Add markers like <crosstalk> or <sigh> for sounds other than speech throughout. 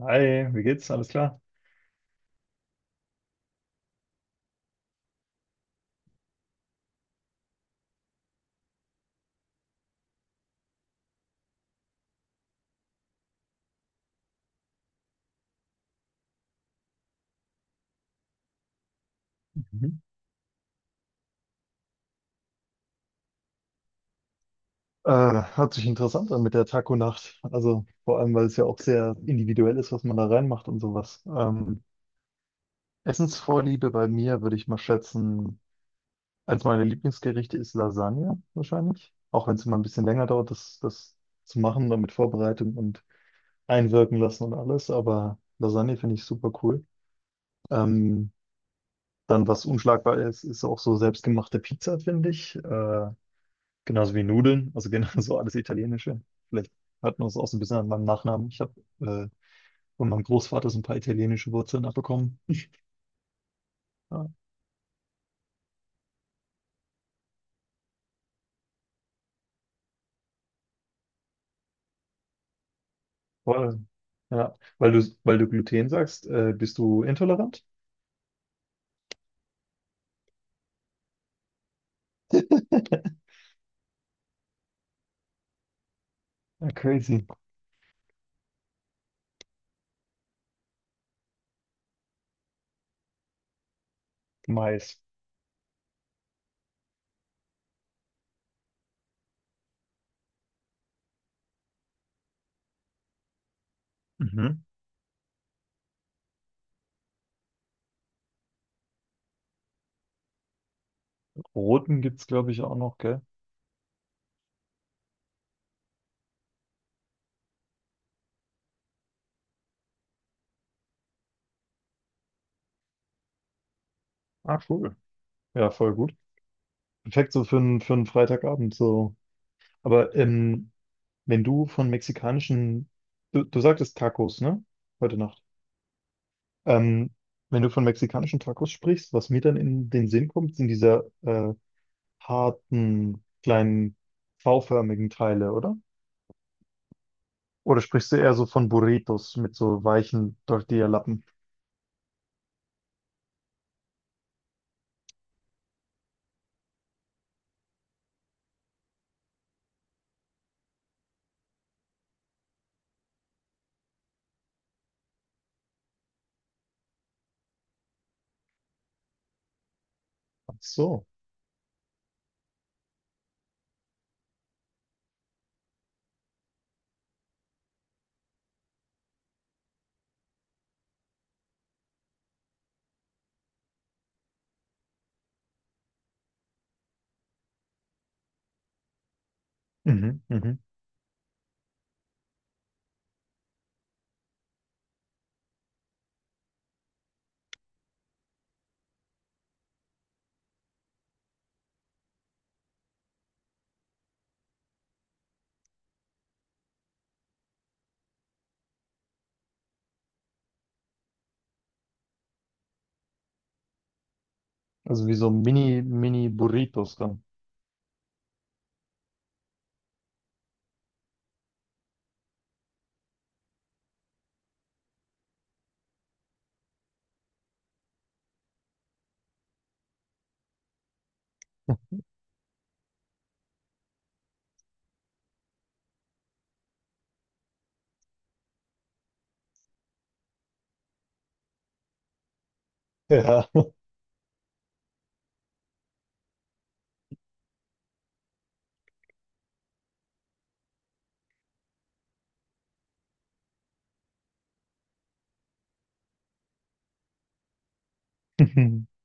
Hi, wie geht's? Alles klar? Mhm. Äh, Hört sich interessant an mit der Taco-Nacht. Also vor allem, weil es ja auch sehr individuell ist, was man da reinmacht und sowas. Essensvorliebe bei mir würde ich mal schätzen, eins meiner Lieblingsgerichte ist Lasagne wahrscheinlich. Auch wenn es immer ein bisschen länger dauert, das zu machen und mit Vorbereitung und einwirken lassen und alles. Aber Lasagne finde ich super cool. Ähm, Dann, was unschlagbar ist, ist auch so selbstgemachte Pizza, finde ich. Genauso wie Nudeln, also genauso alles Italienische. Vielleicht hört man es auch so ein bisschen an meinem Nachnamen. Ich habe äh, von meinem Großvater so ein paar italienische Wurzeln abbekommen. Ja, voll. Ja, weil du Gluten sagst, bist du intolerant? <laughs> Ja, crazy. Mais. Mhm. Roten gibt's, glaube ich, auch noch, gell? Ah, cool. Ja, voll gut. Perfekt so für einen Freitagabend so. Aber wenn du von mexikanischen, du sagtest Tacos, ne? Heute Nacht. Ähm, Wenn du von mexikanischen Tacos sprichst, was mir dann in den Sinn kommt, sind diese harten, kleinen, V-förmigen Teile, oder? Oder sprichst du eher so von Burritos mit so weichen Tortilla-Lappen? Ach so. Mhm, mhm. Also wie so Mini Burritos dann. Ja. <laughs>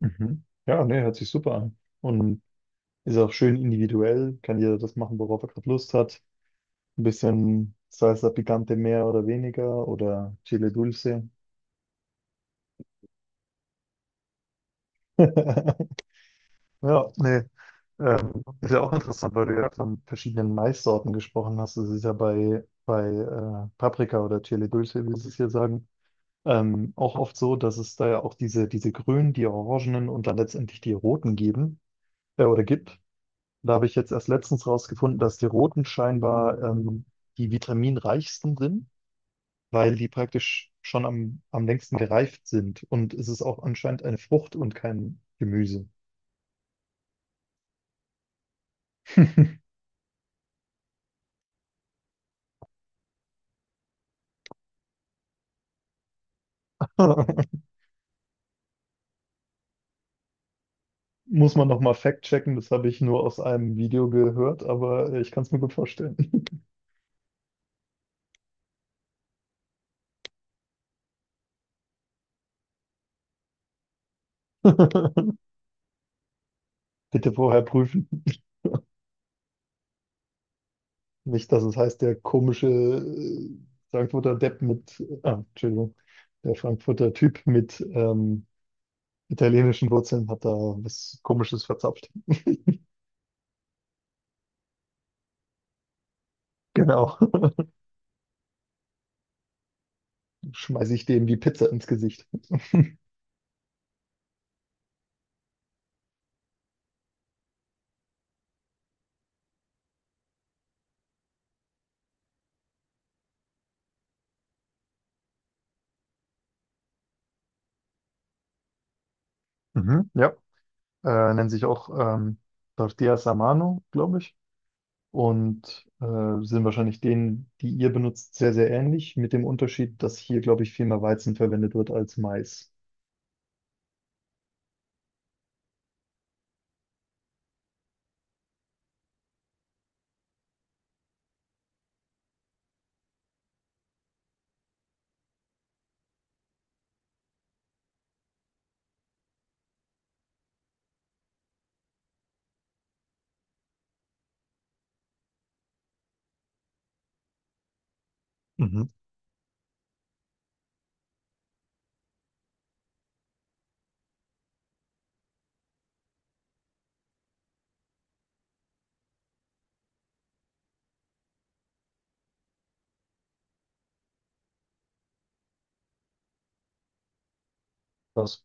Mhm. Ja, nee, hört sich super an. Und ist auch schön individuell, kann jeder das machen, worauf er gerade Lust hat. Ein bisschen Salsa Picante mehr oder weniger oder Chile Dulce. <laughs> Ja, nee. Ist ja auch interessant, weil du ja von verschiedenen Maissorten gesprochen hast. Das ist ja bei Paprika oder Chile Dulce, wie sie es hier sagen, auch oft so, dass es da ja auch diese grünen, die orangenen und dann letztendlich die roten geben oder gibt. Da habe ich jetzt erst letztens rausgefunden, dass die roten scheinbar die vitaminreichsten sind, weil die praktisch schon am längsten gereift sind. Und es ist auch anscheinend eine Frucht und kein Gemüse. <laughs> Muss man nochmal fact-checken, das habe ich nur aus einem Video gehört, aber ich kann es mir gut vorstellen. <laughs> Bitte vorher prüfen. Nicht, dass es heißt, der komische Frankfurter Depp mit, ah, Entschuldigung, der Frankfurter Typ mit italienischen Wurzeln hat da was Komisches verzapft. Genau. <laughs> Schmeiße ich dem die Pizza ins Gesicht. Mhm, ja. Nennen sich auch ähm, Tortillas a mano, glaube ich. Und sind wahrscheinlich denen, die ihr benutzt, sehr, sehr ähnlich, mit dem Unterschied, dass hier, glaube ich, viel mehr Weizen verwendet wird als Mais. Mhm. Das,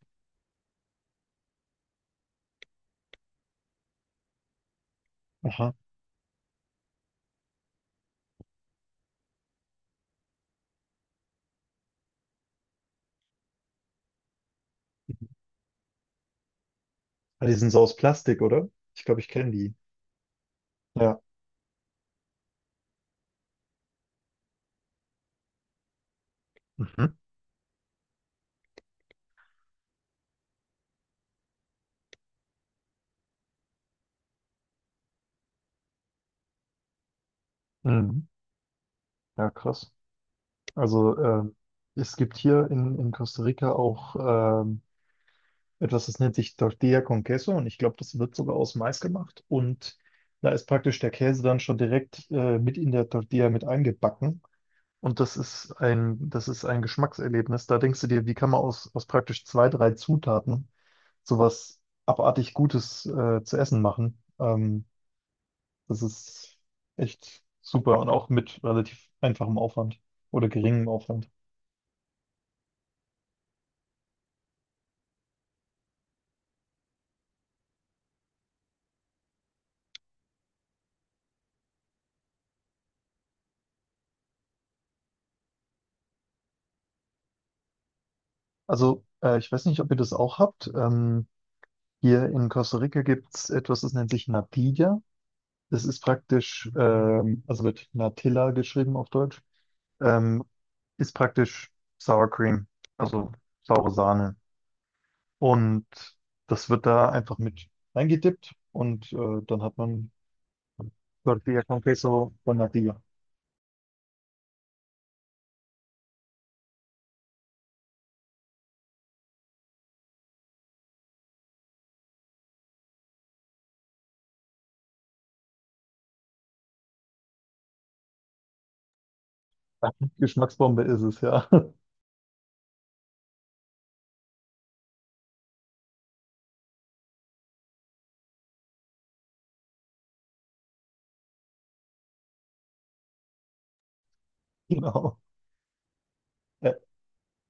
aha. Ah, die sind so aus Plastik, oder? Ich glaube, ich kenne die. Ja. Mhm. Mhm. Ja, krass. Also es gibt hier in Costa Rica auch ähm, etwas, das nennt sich Tortilla con Queso und ich glaube, das wird sogar aus Mais gemacht und da ist praktisch der Käse dann schon direkt mit in der Tortilla mit eingebacken und das ist ein Geschmackserlebnis. Da denkst du dir, wie kann man aus praktisch zwei, drei Zutaten sowas abartig Gutes zu essen machen? Das ist echt super und auch mit relativ einfachem Aufwand oder geringem Aufwand. Also, ich weiß nicht, ob ihr das auch habt. Hier in Costa Rica gibt es etwas, das nennt sich Natilla. Das ist praktisch, also wird Natilla geschrieben auf Deutsch, ähm, ist praktisch Sour Cream, also saure Sahne. Und das wird da einfach mit reingedippt und dann hat man Tortilla con Queso von Natilla. Geschmacksbombe ist es, ja. <laughs> Genau. Äh,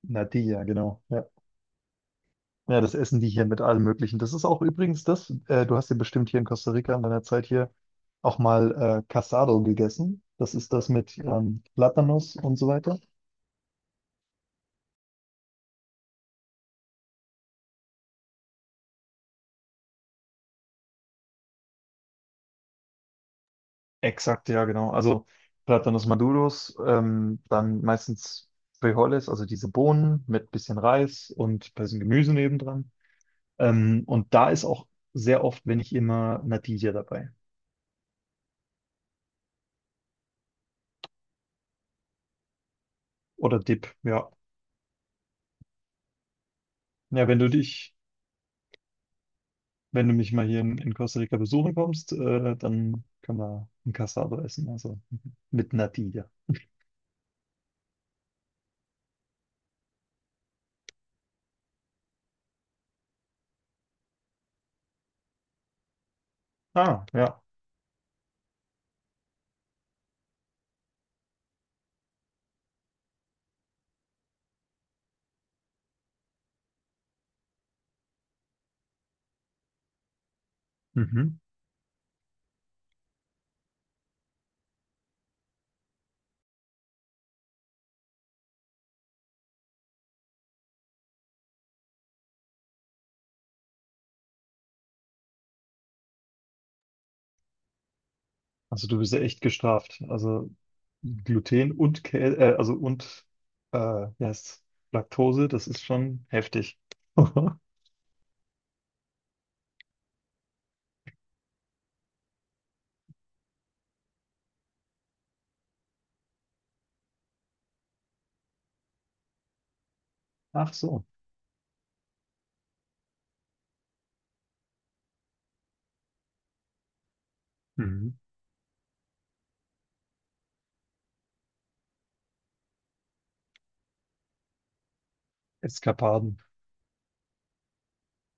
Natilla, genau. Ja. Ja, das essen die hier mit allem Möglichen. Das ist auch übrigens das, du hast ja bestimmt hier in Costa Rica in deiner Zeit hier auch mal Casado gegessen. Das ist das mit Platanos und so weiter. Exakt, ja, genau. Also Platanos Maduros, dann meistens Frijoles, also diese Bohnen mit bisschen Reis und ein bisschen Gemüse nebendran. Und da ist auch sehr oft, wenn ich immer Natilla dabei. Oder Dip, ja. Ja, wenn du dich, wenn du mich mal hier in Costa Rica besuchen kommst, dann können wir ein Cassado essen, also mit Natilla. Ah, ja. Mhm. Also du bist ja echt gestraft. Also Gluten und Käse, also und äh, wie heißt's? Laktose, das ist schon heftig. <laughs> Ach so. Mhm. Eskapaden.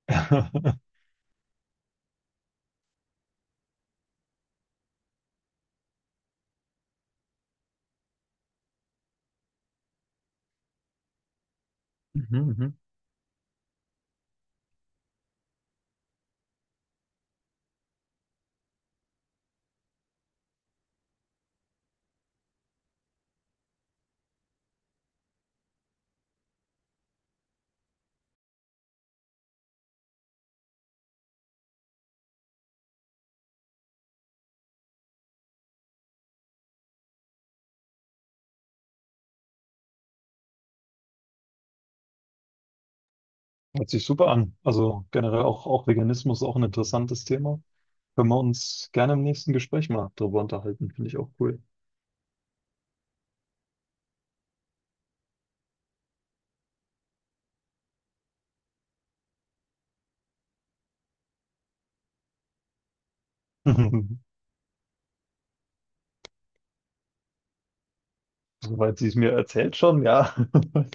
<laughs> Mhm, mhm. Hört sich super an. Also generell auch, auch Veganismus, auch ein interessantes Thema. Können wir uns gerne im nächsten Gespräch mal drüber unterhalten, finde ich auch cool. <laughs> Soweit sie es mir erzählt schon, ja. <laughs>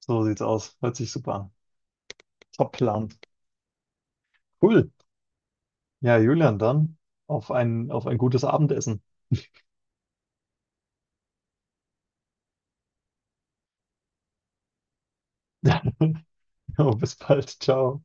So sieht's aus. Hört sich super an. Top Plan. Cool. Ja, Julian, dann auf ein gutes Abendessen. <laughs> Jo, bis bald. Ciao.